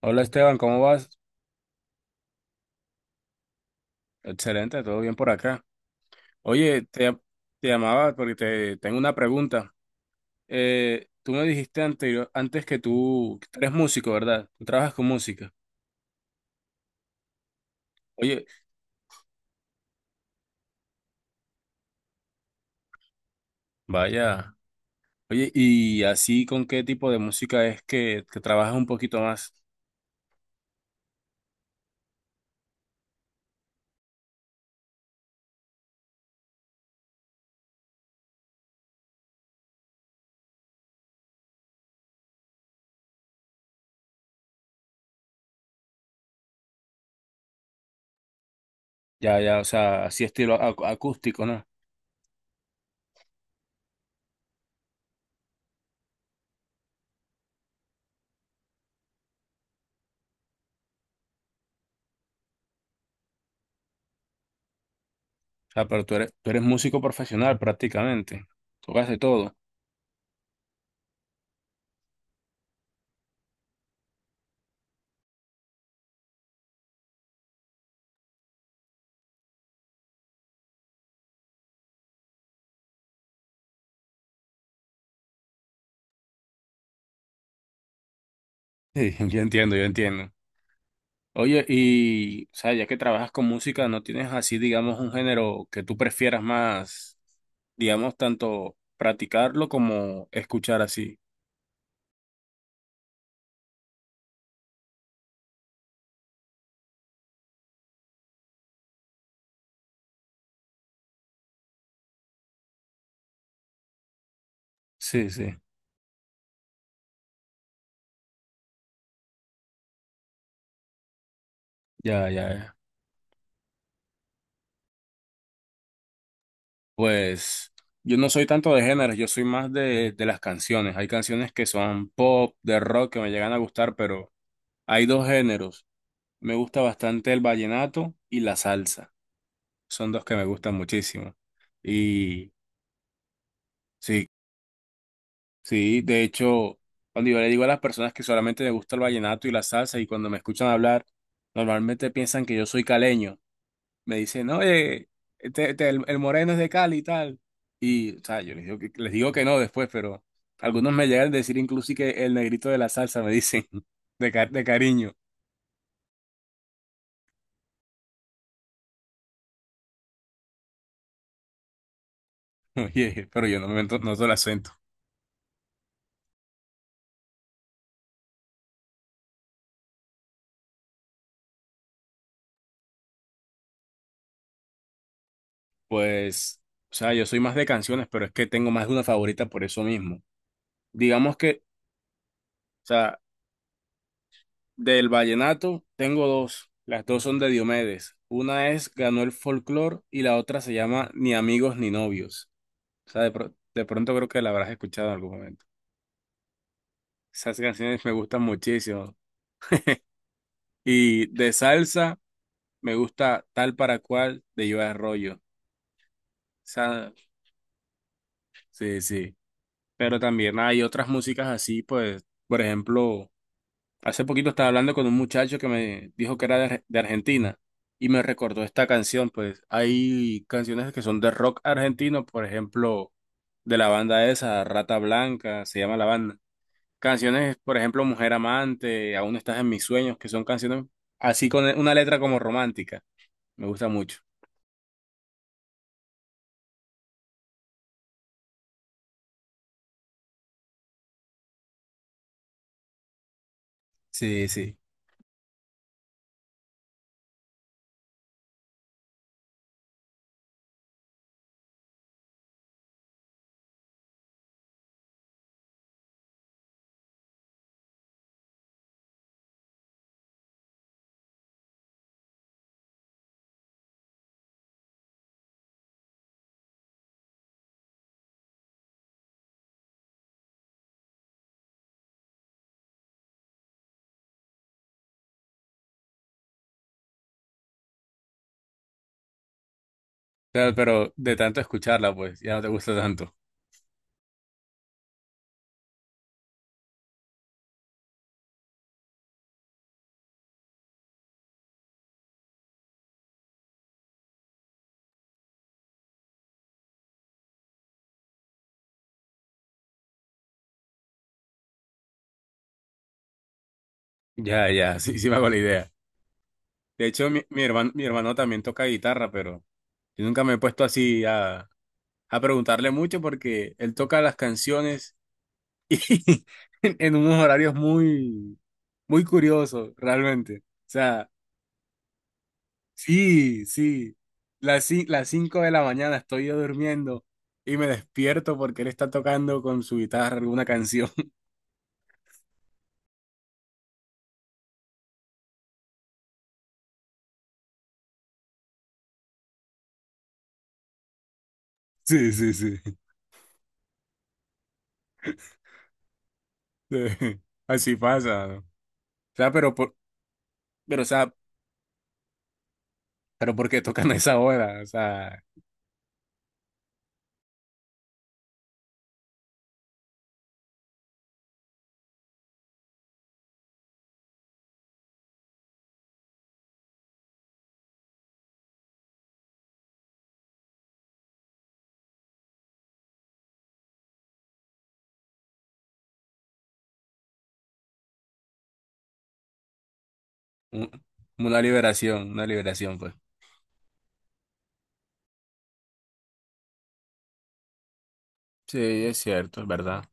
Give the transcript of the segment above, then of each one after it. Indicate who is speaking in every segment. Speaker 1: Hola Esteban, ¿cómo vas? Excelente, todo bien por acá. Oye, te llamaba porque te tengo una pregunta. Tú me dijiste antes que tú eres músico, ¿verdad? Tú trabajas con música. Oye, vaya. Oye, ¿y así con qué tipo de música es que trabajas un poquito más? Ya, ya, o sea, así estilo acústico, ¿no? O sea, pero tú eres músico profesional prácticamente. Tocas de todo. Sí, yo entiendo, yo entiendo. Oye, y, o sea, ya que trabajas con música, ¿no tienes así, digamos, un género que tú prefieras más, digamos, tanto practicarlo como escuchar así? Sí, sí, ya, ya, ya. Pues yo no soy tanto de géneros, yo soy más de las canciones. Hay canciones que son pop, de rock, que me llegan a gustar, pero hay dos géneros. Me gusta bastante el vallenato y la salsa. Son dos que me gustan muchísimo. Y sí, sí, de hecho, cuando yo le digo a las personas que solamente me gusta el vallenato y la salsa y cuando me escuchan hablar, normalmente piensan que yo soy caleño. Me dicen, oye, este, el moreno es de Cali y tal. Y, o sea, yo les digo que no después, pero algunos me llegan a decir incluso que el negrito de la salsa, me dicen, de cariño. Oye, pero yo no me no noto el acento. Pues, o sea, yo soy más de canciones, pero es que tengo más de una favorita por eso mismo. Digamos que. O sea, del vallenato tengo dos, las dos son de Diomedes. Una es Ganó el folclor y la otra se llama Ni amigos ni novios. O sea, de pronto creo que la habrás escuchado en algún momento. Esas canciones me gustan muchísimo. Y de salsa me gusta Tal para cual de Yo Arroyo. O sea, sí, sí. Pero también hay otras músicas así, pues, por ejemplo. Hace poquito estaba hablando con un muchacho que me dijo que era de Argentina y me recordó esta canción. Pues hay canciones que son de rock argentino, por ejemplo, de la banda esa, Rata Blanca, se llama la banda. Canciones, por ejemplo, Mujer Amante, Aún estás en mis sueños, que son canciones así con una letra como romántica. Me gusta mucho. Sí, sí. Claro, pero de tanto escucharla, pues ya no te gusta tanto. Ya, ya, sí, sí me hago la idea. De hecho, mi hermano también toca guitarra, pero yo nunca me he puesto así a preguntarle mucho porque él toca las canciones y en unos horarios muy, muy curiosos, realmente. O sea, sí, sí, las 5 de la mañana estoy yo durmiendo y me despierto porque él está tocando con su guitarra alguna canción. Sí, sí, sí. Sí, así pasa, ¿no? O sea, pero, o sea, pero ¿por qué tocan a esa hora? O sea, un- una liberación, pues. Sí, es cierto, es verdad.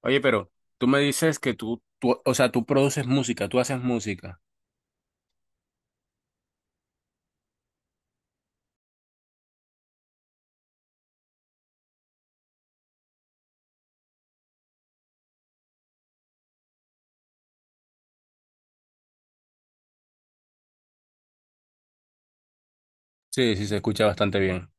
Speaker 1: Oye, pero tú me dices que o sea, tú produces música, tú haces música. Sí, sí, se escucha bastante bien.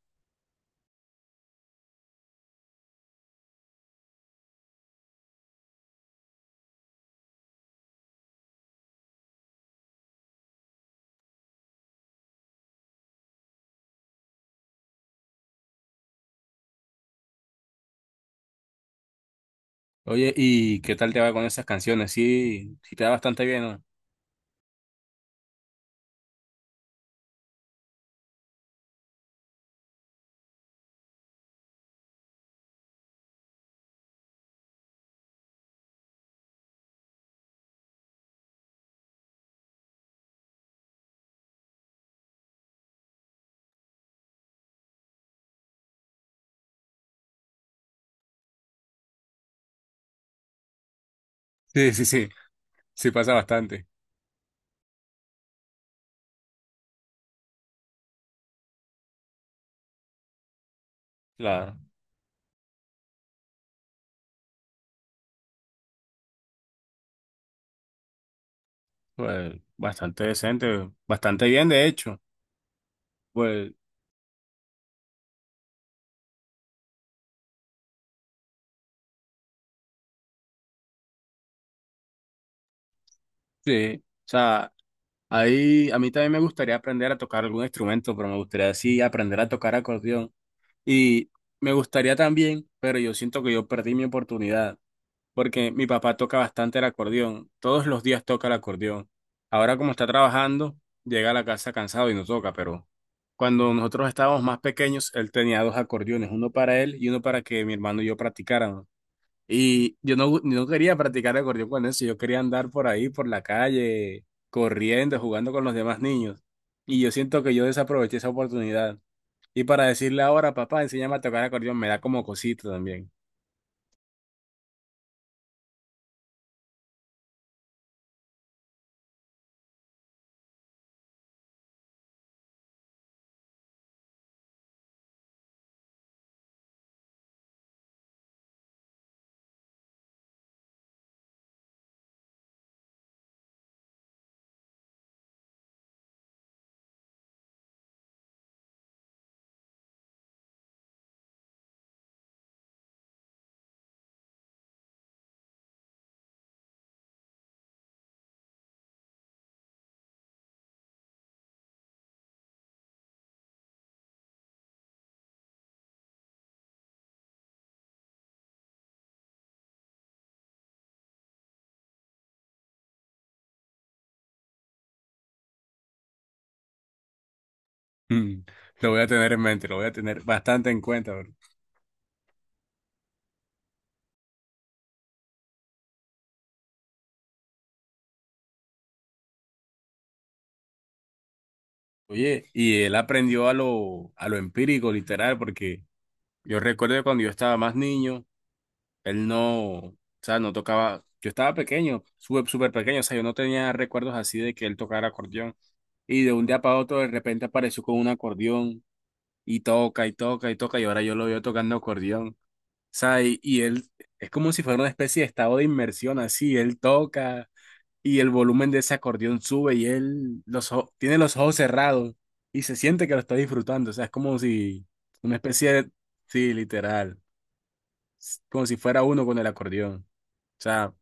Speaker 1: Oye, ¿y qué tal te va con esas canciones? Sí, sí te va bastante bien, ¿no? Sí, sí, sí, sí pasa bastante. Claro, pues bastante decente, bastante bien, de hecho. Pues sí, o sea, ahí a mí también me gustaría aprender a tocar algún instrumento, pero me gustaría sí aprender a tocar acordeón. Y me gustaría también, pero yo siento que yo perdí mi oportunidad, porque mi papá toca bastante el acordeón, todos los días toca el acordeón. Ahora como está trabajando, llega a la casa cansado y no toca, pero cuando nosotros estábamos más pequeños, él tenía dos acordeones, uno para él y uno para que mi hermano y yo practicáramos. Y yo no quería practicar el acordeón con eso, yo quería andar por ahí, por la calle, corriendo, jugando con los demás niños. Y yo siento que yo desaproveché esa oportunidad. Y para decirle ahora, papá, enséñame a tocar acordeón, me da como cosita también. Mm, Lo voy a tener en mente, lo voy a tener bastante en cuenta, bro. Oye, y él aprendió a lo empírico, literal, porque yo recuerdo que cuando yo estaba más niño, él no, o sea, no tocaba, yo estaba pequeño, súper, súper pequeño, o sea, yo no tenía recuerdos así de que él tocara acordeón. Y de un día para otro, de repente apareció con un acordeón y toca y toca y toca, y ahora yo lo veo tocando acordeón. O sea, y él es como si fuera una especie de estado de inmersión, así, él toca. Y el volumen de ese acordeón sube y él tiene los ojos cerrados y se siente que lo está disfrutando. O sea, es como si una especie de. Sí, literal. Como si fuera uno con el acordeón. O sea,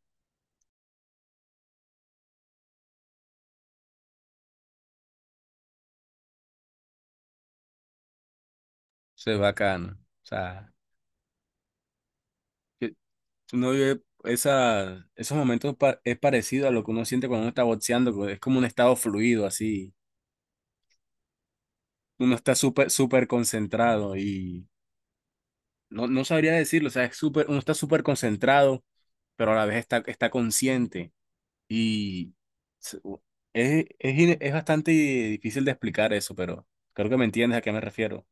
Speaker 1: eso es bacano. O sea, que uno vive esos momentos, es parecido a lo que uno siente cuando uno está boxeando, que es como un estado fluido, así. Uno está súper, súper concentrado y. No, no sabría decirlo, o sea, es súper, uno está súper concentrado, pero a la vez está consciente. Y se- u- es bastante difícil de explicar eso, pero creo que me entiendes a qué me refiero.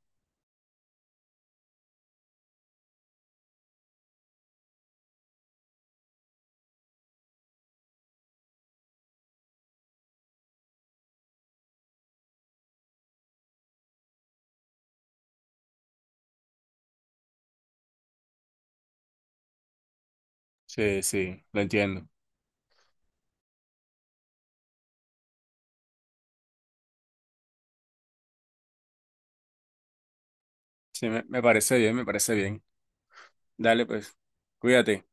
Speaker 1: Sí, sí, lo entiendo. Sí, me parece bien, me parece bien. Dale, pues, cuídate.